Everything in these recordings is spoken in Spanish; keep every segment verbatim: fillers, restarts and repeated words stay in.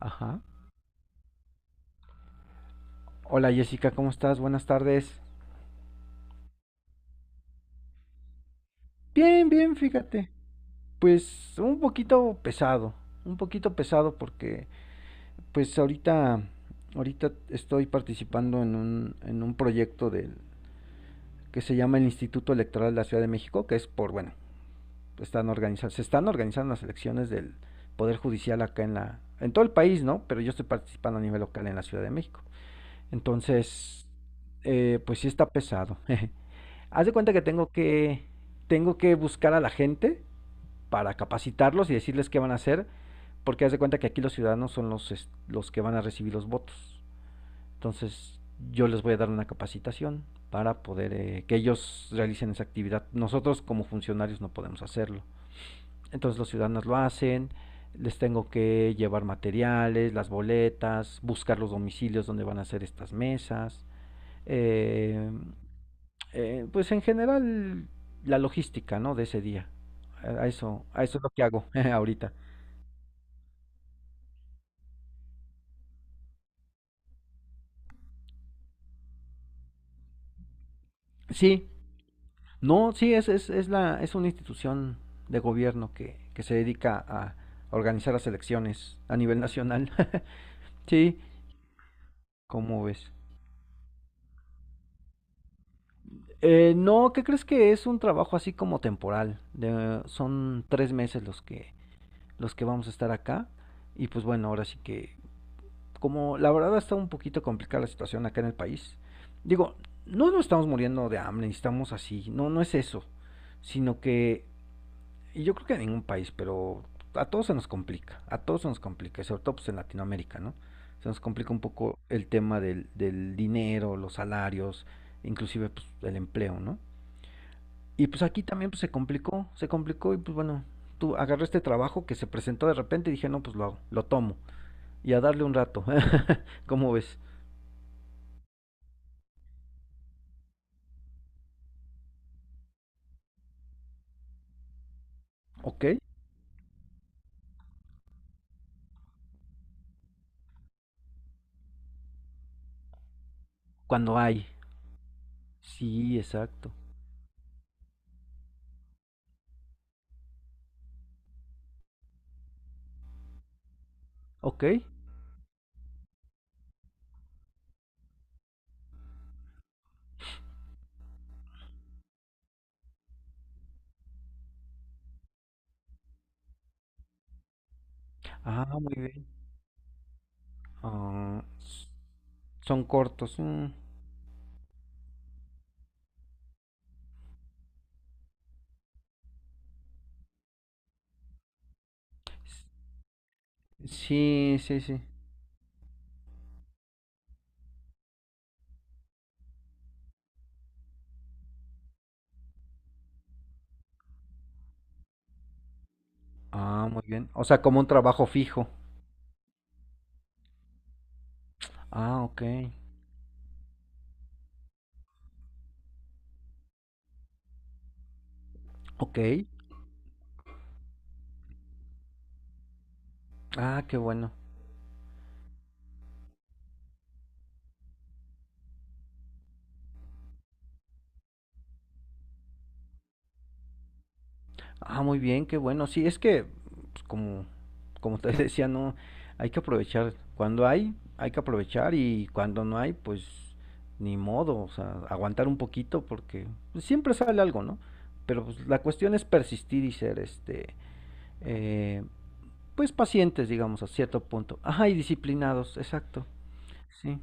Ajá. Hola Jessica, ¿cómo estás? Buenas tardes. Bien, bien, fíjate. Pues un poquito pesado, un poquito pesado porque pues ahorita ahorita estoy participando en un en un proyecto del que se llama el Instituto Electoral de la Ciudad de México, que es por bueno, están organizando, se están organizando las elecciones del Poder Judicial acá en la en todo el país, ¿no? Pero yo estoy participando a nivel local en la Ciudad de México. Entonces, eh, pues sí está pesado. Haz de cuenta que tengo que tengo que buscar a la gente para capacitarlos y decirles qué van a hacer, porque haz de cuenta que aquí los ciudadanos son los los que van a recibir los votos. Entonces, yo les voy a dar una capacitación para poder eh, que ellos realicen esa actividad. Nosotros como funcionarios no podemos hacerlo. Entonces, los ciudadanos lo hacen, les tengo que llevar materiales, las boletas, buscar los domicilios donde van a hacer estas mesas, eh, eh, pues en general la logística, ¿no? De ese día. A a eso, a eso es lo que hago ahorita. Sí, no, sí, es, es, es la, es una institución de gobierno que, que se dedica a organizar las elecciones a nivel nacional. Sí, ¿cómo ves? Eh, no, ¿qué crees? Que es un trabajo así como temporal. De, son tres meses los que, los que vamos a estar acá. Y pues bueno, ahora sí que como la verdad está un poquito complicada la situación acá en el país, digo, no nos estamos muriendo de hambre, estamos así, no, no es eso, sino que, y yo creo que en ningún país, pero a todos se nos complica, a todos se nos complica, sobre todo pues en Latinoamérica, ¿no? Se nos complica un poco el tema del, del dinero, los salarios, inclusive pues, el empleo, ¿no? Y pues aquí también pues, se complicó, se complicó y pues bueno, tú agarré este trabajo que se presentó de repente y dije, no, pues lo, hago, lo tomo y a darle un rato, ¿cómo ves? Ok. Cuando hay. Sí, exacto. Ok. Ah, muy bien. Ah, s- son cortos. Mm. Sí, sí, sí. Ah, muy bien. O sea, como un trabajo fijo. Ah, ok. Ok. Ah, qué bueno. Ah, muy bien, qué bueno. Sí, es que, pues, como, como te decía, no, hay que aprovechar. Cuando hay, hay que aprovechar y cuando no hay, pues ni modo, o sea, aguantar un poquito porque pues, siempre sale algo, ¿no? Pero pues, la cuestión es persistir y ser, este, eh, pues pacientes, digamos, a cierto punto. Ajá, y disciplinados, exacto. Sí.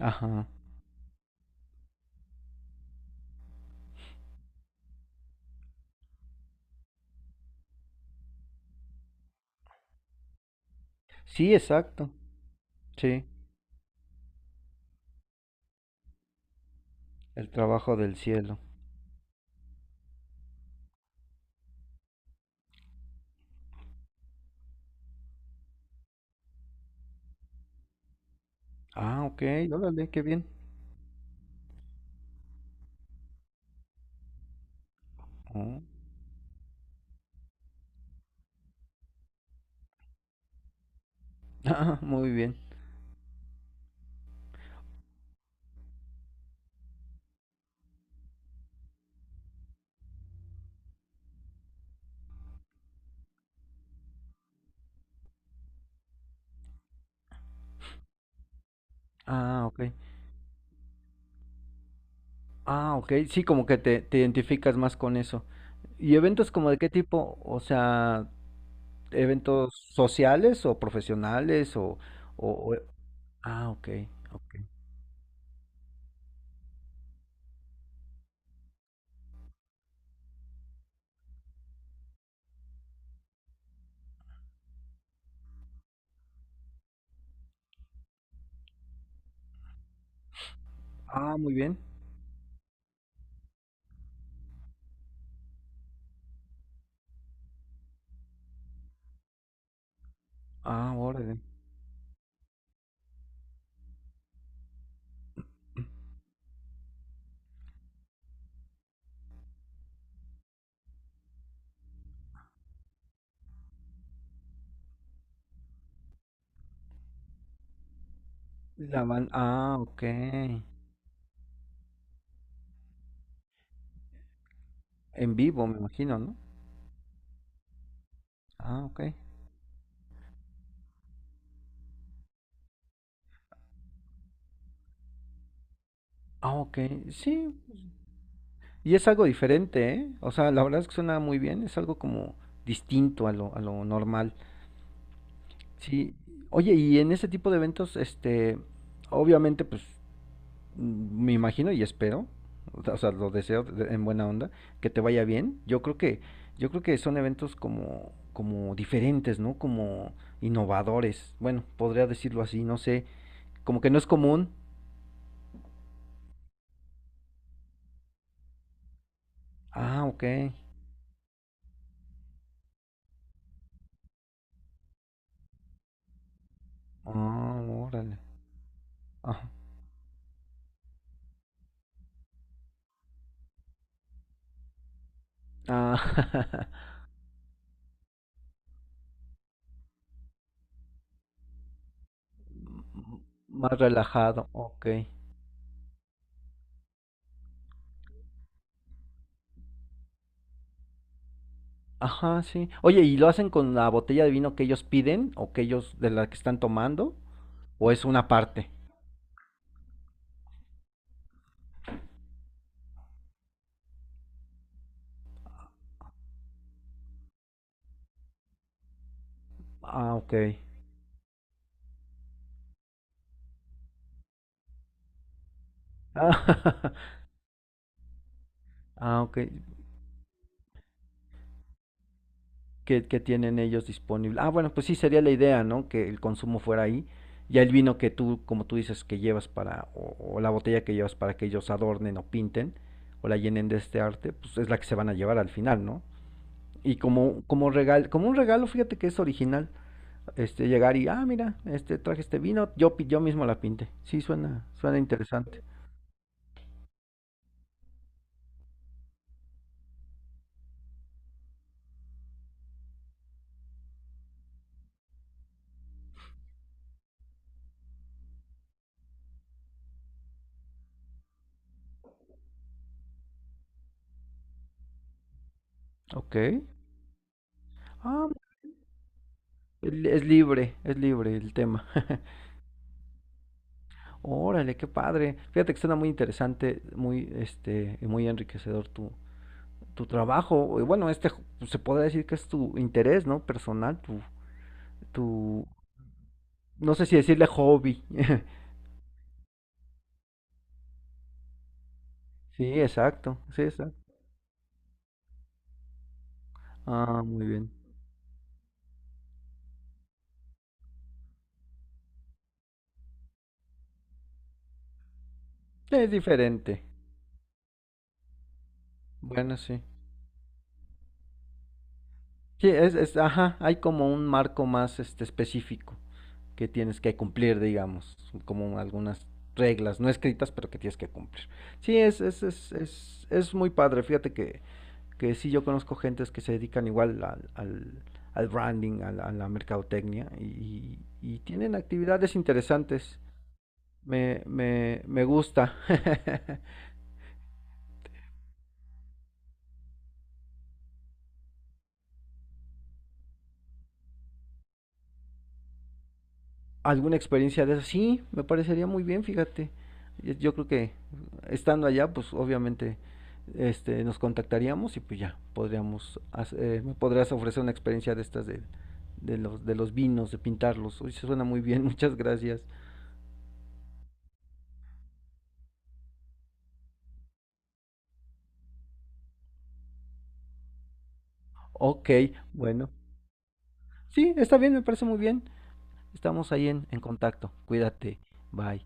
Ajá. Sí, exacto. Sí, el trabajo del cielo. Ah, ok, órale, qué bien. Oh, ah, muy bien. Ah, ok. Ah, ok. Sí, como que te, te identificas más con eso. ¿Y eventos como de qué tipo? O sea, eventos sociales o profesionales o, o- o- ah, ok, ok. Ah, muy bien. Ah, órale. La van... Ah, ok. En vivo, me imagino, ¿no? Ah, ok. Ah, ok. Sí. Y es algo diferente, ¿eh? O sea, la verdad es que suena muy bien. Es algo como distinto a lo, a lo normal. Sí, oye, y en ese tipo de eventos, este, obviamente, pues, mm, me imagino y espero, o sea, lo deseo de- en buena onda, que te vaya bien. Yo creo que, yo creo que son eventos como, como diferentes, ¿no? Como innovadores. Bueno, podría decirlo así, no sé, como que no es común. Ah, ok. Ah, órale. Ah, ah, más relajado, ok. Ajá, sí. Oye, ¿y lo hacen con la botella de vino que ellos piden o que ellos de la que están tomando? ¿O es una parte? Ah, ok. Ah, ah, ok. Que, que tienen ellos disponible. Ah, bueno, pues sí sería la idea, ¿no? Que el consumo fuera ahí. Ya el vino que tú, como tú dices, que llevas para, o, o la botella que llevas para que ellos adornen o pinten, o la llenen de este arte, pues es la que se van a llevar al final, ¿no? Y como, como regal, como un regalo, fíjate que es original. Este, llegar y, ah, mira, este, traje este vino, yo, pi- yo mismo la pinté. Sí, suena, suena interesante. Ok. Ah, el- es libre, es libre el tema. Órale, qué padre. Fíjate que suena muy interesante, muy, este, y muy enriquecedor tu, tu trabajo. Y bueno, este, ju- se podría decir que es tu interés, ¿no? Personal, tu, tu, no sé si decirle hobby. Sí, exacto, sí, exacto. Ah, muy bien. Es diferente. Bueno, sí. Sí, es, es, ajá, hay como un marco más este específico que tienes que cumplir, digamos, como algunas reglas no escritas, pero que tienes que cumplir. Sí, es, es, es, es, es muy padre. Fíjate que, que sí, yo conozco gentes que se dedican igual al, al, al branding, a la, a la mercadotecnia, y, y tienen actividades interesantes. Me, me, me gusta. Alguna experiencia de eso. Sí, me parecería muy bien, fíjate. Eh, Yo, creo que estando allá, pues obviamente este, nos contactaríamos y pues ya podríamos, hacer- eh, me podrías ofrecer una experiencia de estas de, de los, de los vinos, de pintarlos. Uy, se suena muy bien, muchas gracias. Ok, bueno. Sí, está bien, me parece muy bien. Estamos ahí en, en contacto. Cuídate. Bye.